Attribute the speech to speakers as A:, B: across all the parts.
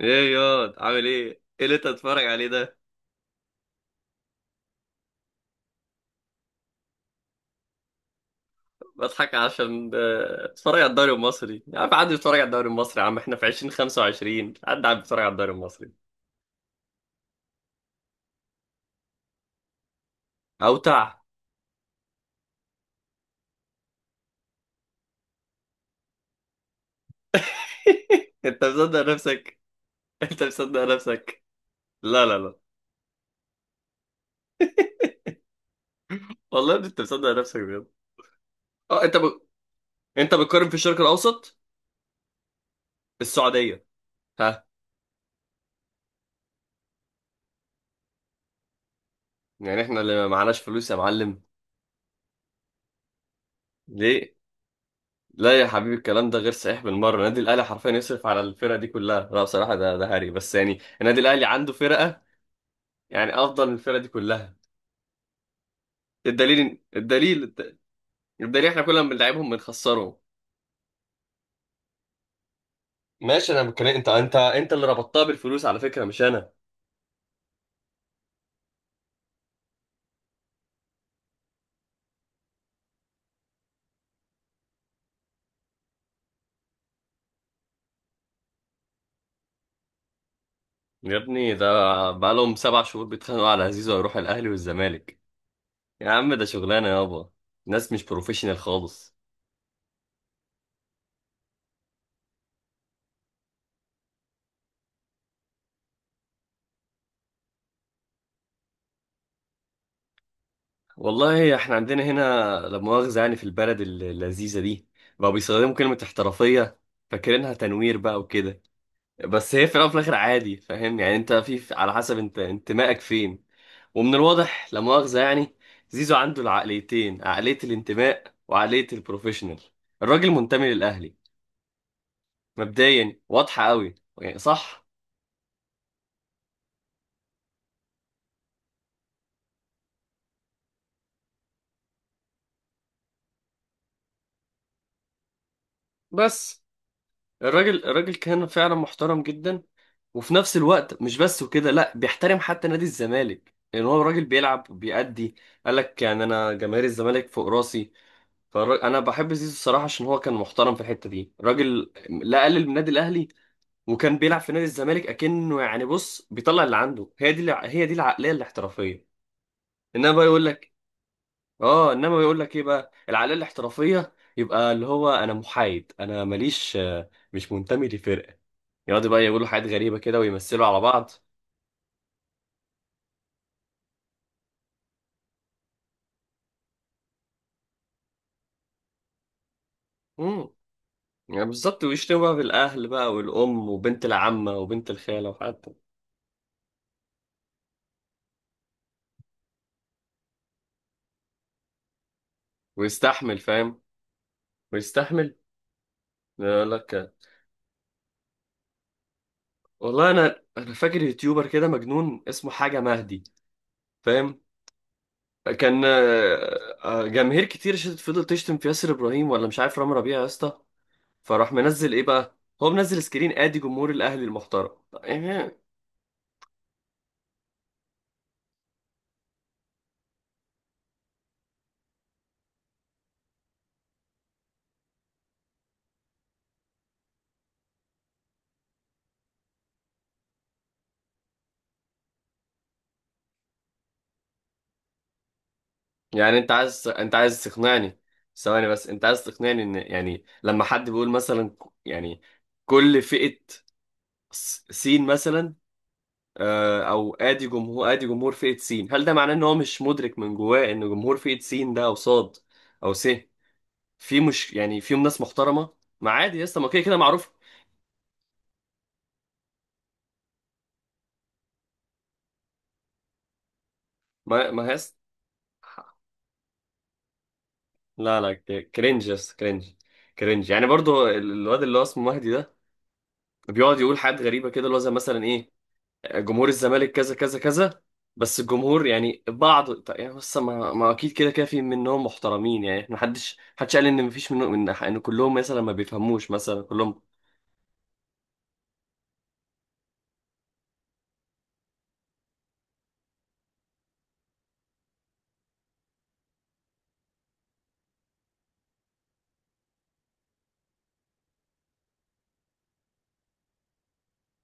A: ايه ياض عامل ايه؟ ايه اللي انت بتتفرج عليه ده؟ بضحك عشان اتفرج على الدوري المصري، يا عم عدي بيتفرج على الدوري المصري. يا عم احنا في 2025، عدي عم بيتفرج على الدوري المصري اوتع. انت مصدق نفسك؟ انت مصدق نفسك؟ لا لا لا، والله انت مصدق نفسك بجد. اه انت ب... انت بتقارن في الشرق الاوسط، السعودية، ها؟ يعني احنا اللي معناش فلوس يا معلم؟ ليه؟ لا يا حبيبي، الكلام ده غير صحيح بالمره. النادي الاهلي حرفيا يصرف على الفرقه دي كلها، لا بصراحه ده هري بس، يعني النادي الاهلي عنده فرقه يعني افضل من الفرقه دي كلها. الدليل الدليل، احنا كل ما بنلعبهم بنخسرهم. ماشي، انا بتكلم، انت اللي ربطتها بالفلوس على فكره، مش انا. يا ابني ده بقالهم 7 شهور بيتخانقوا على زيزو، هيروح الاهلي والزمالك. يا عم ده شغلانه يابا، ناس مش بروفيشنال خالص. والله احنا عندنا هنا، لا مؤاخذة يعني، في البلد اللذيذة دي بقوا بيستخدموا كلمة احترافية، فاكرينها تنوير بقى وكده، بس هي في الأول وفي الآخر عادي، فاهم يعني؟ انت على حسب انت انتمائك فين. ومن الواضح لا مؤاخذة يعني، زيزو عنده العقليتين، عقلية الانتماء وعقلية البروفيشنال. الراجل منتمي للأهلي، مبدئيا واضحة قوي، يعني صح. بس الراجل كان فعلا محترم جدا، وفي نفس الوقت مش بس وكده، لا بيحترم حتى نادي الزمالك، لان هو الراجل بيلعب وبيأدي. قال لك يعني انا جماهير الزمالك فوق راسي. فانا بحب زيزو الصراحه، عشان هو كان محترم في الحته دي. راجل لا قلل من النادي الاهلي، وكان بيلعب في نادي الزمالك اكنه يعني، بص بيطلع اللي عنده، هي دي العقليه الاحترافيه. انما بقى يقول لك اه، انما يقول لك ايه بقى العقليه الاحترافيه؟ يبقى اللي هو انا محايد، انا ماليش، مش منتمي لفرقه. يقعدوا بقى يقولوا حاجات غريبه كده ويمثلوا على بعض. يعني بالظبط، ويشتكوا بقى بالأهل بقى والأم وبنت العمة وبنت الخالة وحتى ويستحمل، فاهم؟ ويستحمل. يقول لك، والله أنا فاكر يوتيوبر كده مجنون اسمه حاجة مهدي، فاهم؟ كان جماهير كتير فضلت تشتم في ياسر إبراهيم ولا مش عارف رامي ربيعة، يا اسطى. فراح منزل إيه بقى؟ هو منزل سكرين، آدي جمهور الأهلي المحترم، يعني. يعني أنت عايز تقنعني، ثواني بس، أنت عايز تقنعني إن يعني لما حد بيقول مثلا، يعني كل فئة، سين مثلا، او ادي جمهور، ادي جمهور فئة سين، هل ده معناه ان هو مش مدرك من جواه ان جمهور فئة سين ده او صاد او س في مش يعني فيهم ناس محترمة؟ ما عادي يا اسطى، ما كده كده معروف. ما هيس، لا لا، كرنج يا اسطى، كرنج. كرنج، يعني برضو الواد اللي هو اسمه مهدي ده بيقعد يقول حاجات غريبة كده، اللي هو زي مثلا ايه، جمهور الزمالك كذا كذا كذا، بس الجمهور يعني بعض، طيب يعني بس ما اكيد كده كده في منهم محترمين، يعني ما حدش قال ان مفيش منهم، ان كلهم مثلا ما بيفهموش مثلا كلهم.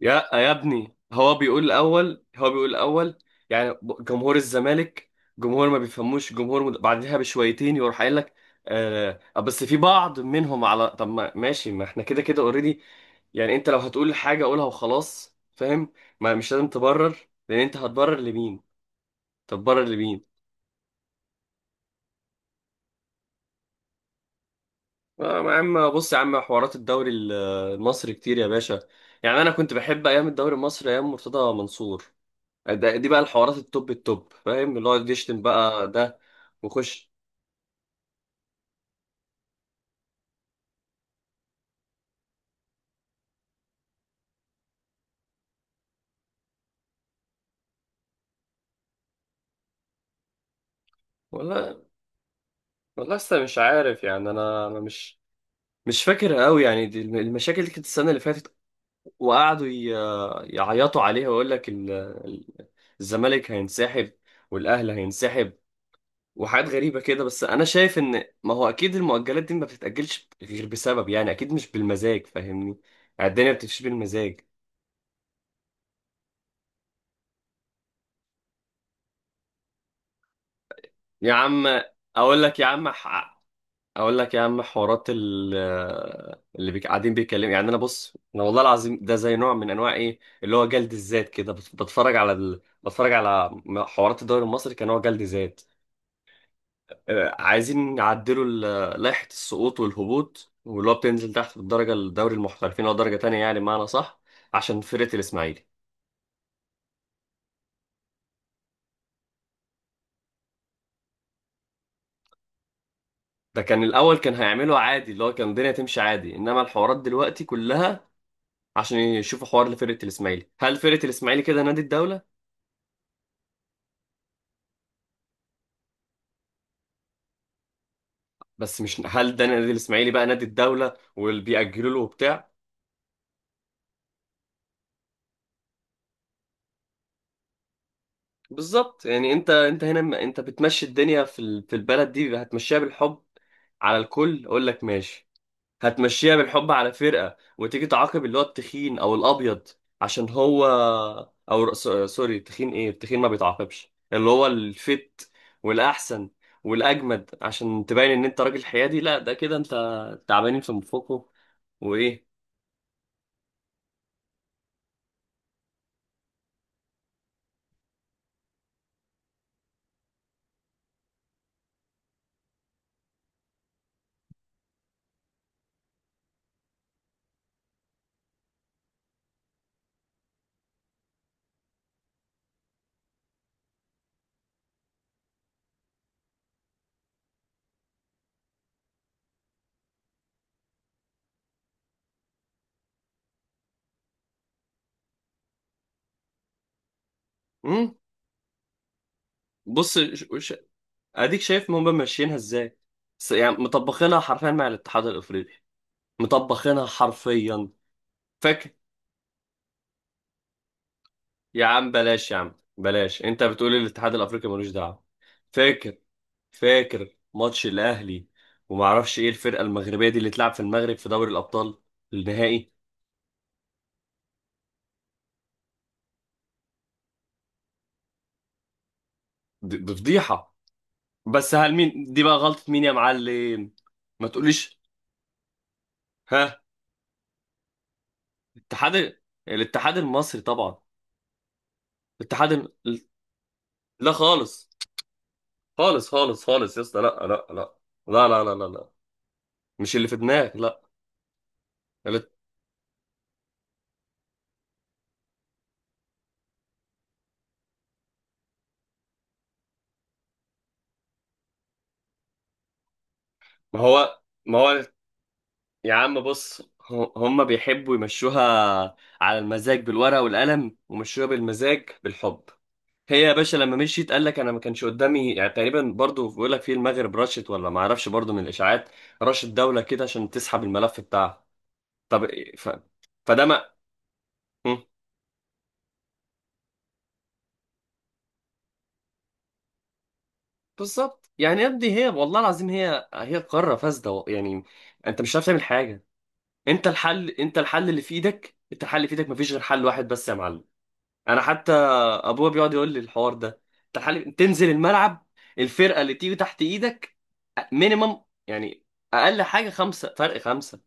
A: يا ابني، هو بيقول الاول يعني، جمهور الزمالك، جمهور ما بيفهموش، جمهور بعدها بشويتين يروح قايل لك آه بس في بعض منهم. على طب ما ماشي، ما احنا كده كده اوريدي. يعني انت لو هتقول حاجة قولها وخلاص، فاهم؟ ما مش لازم تبرر، لان انت هتبرر لمين؟ طب بره لمين؟ يا عم بص، يا عم حوارات الدوري المصري كتير يا باشا. يعني انا كنت بحب ايام الدوري المصري ايام مرتضى منصور، ده دي بقى الحوارات التوب التوب، فاهم؟ اللي هو يشتم بقى ده وخش. والله، والله لسه مش عارف يعني، انا مش مش فاكر قوي يعني، دي المشاكل دي كانت السنه اللي فاتت، وقعدوا يعيطوا عليها ويقول لك الزمالك هينسحب والاهلي هينسحب وحاجات غريبة كده. بس أنا شايف إن ما هو أكيد المؤجلات دي ما بتتأجلش غير بسبب، يعني أكيد مش بالمزاج، فاهمني؟ يعني الدنيا ما بتمشيش بالمزاج. يا عم أقول لك يا عم أقول لك يا عم حوارات قاعدين بيتكلموا، يعني أنا بص، أنا والله العظيم ده زي نوع من أنواع إيه، اللي هو جلد الذات كده. بتفرج على بتفرج على حوارات الدوري المصري كنوع جلد ذات. عايزين نعدلوا لائحة السقوط والهبوط، واللي هو بتنزل تحت في الدرجة، الدوري المحترفين أو درجة تانية، يعني معنى صح، عشان فرقة الإسماعيلي. ده كان الأول كان هيعمله عادي، اللي هو كان الدنيا تمشي عادي، إنما الحوارات دلوقتي كلها عشان يشوفوا حوار لفرقة الإسماعيلي. هل فرقة الإسماعيلي كده نادي الدولة؟ بس مش، هل ده نادي الإسماعيلي بقى نادي الدولة واللي بيأجلوا له وبتاع؟ بالظبط، يعني أنت أنت هنا، أنت بتمشي الدنيا في في البلد دي هتمشيها بالحب على الكل، أقول لك ماشي. هتمشيها بالحب على فرقة، وتيجي تعاقب اللي هو التخين او الابيض عشان هو، او سوري، التخين، ايه التخين ما بيتعاقبش، اللي هو الفت والاحسن والاجمد، عشان تبين ان انت راجل حيادي؟ لا ده كده انت تعبانين في مفوقه. وايه؟ امم، بص اديك شايف ما هم ماشيينها ازاي، يعني مطبخينها حرفيا مع الاتحاد الافريقي، مطبخينها حرفيا. فاكر، يا عم بلاش يا عم بلاش، انت بتقول الاتحاد الافريقي ملوش دعوه؟ فاكر، فاكر ماتش الاهلي وما اعرفش ايه الفرقه المغربيه دي اللي اتلعب في المغرب في دوري الابطال النهائي؟ دي فضيحه، بس هل مين دي بقى غلطه مين يا معلم؟ ما تقوليش. ها؟ اتحاد، الاتحاد المصري طبعا، الاتحاد الم... لا خالص، خالص يا اسطى، لا لا لا لا، مش اللي في دماغك، لا. الات- ما هو، ما هو يا عم بص، هم بيحبوا يمشوها على المزاج بالورقه والقلم، ومشوها بالمزاج بالحب. هي يا باشا لما مشيت قال لك انا ما كانش قدامي، يعني تقريبا برضو بيقول لك في المغرب رشت، ولا ما اعرفش برضو من الاشاعات رشت دوله كده عشان تسحب الملف بتاعها. طب فده ما مم. بالظبط، يعني يا ابني هي والله العظيم، هي قاره فاسده، يعني انت مش عارف تعمل حاجه. انت الحل، انت الحل اللي في ايدك انت الحل اللي في ايدك، مفيش غير حل واحد بس يا معلم. انا حتى ابويا بيقعد يقول لي الحوار ده، تعال تنزل الملعب، الفرقه اللي تيجي تحت ايدك مينيمم يعني، اقل حاجه 5 فرق، خمسه.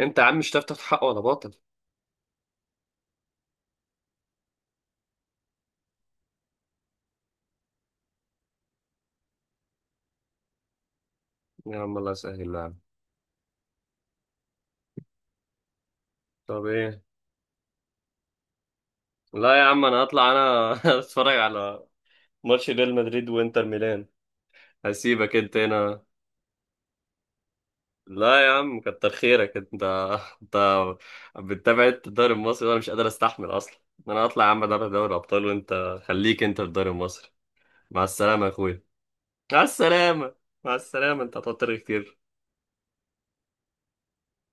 A: انت يا عم مش هتعرف تاخد حق ولا باطل. يا عم الله يسهل يا عم. طب ايه؟ لا يا عم انا هطلع انا اتفرج على ماتش ريال مدريد وانتر ميلان. هسيبك انت هنا، لا يا عم كتر خيرك انت انت بتتابع انت الدوري المصري وانا مش قادر استحمل اصلا. انا هطلع يا عم ادرب دوري ابطال، وانت خليك انت في الدوري المصري. مع السلامة يا أخويا. مع السلامة، مع السلامة، أنت هتضطر كتير.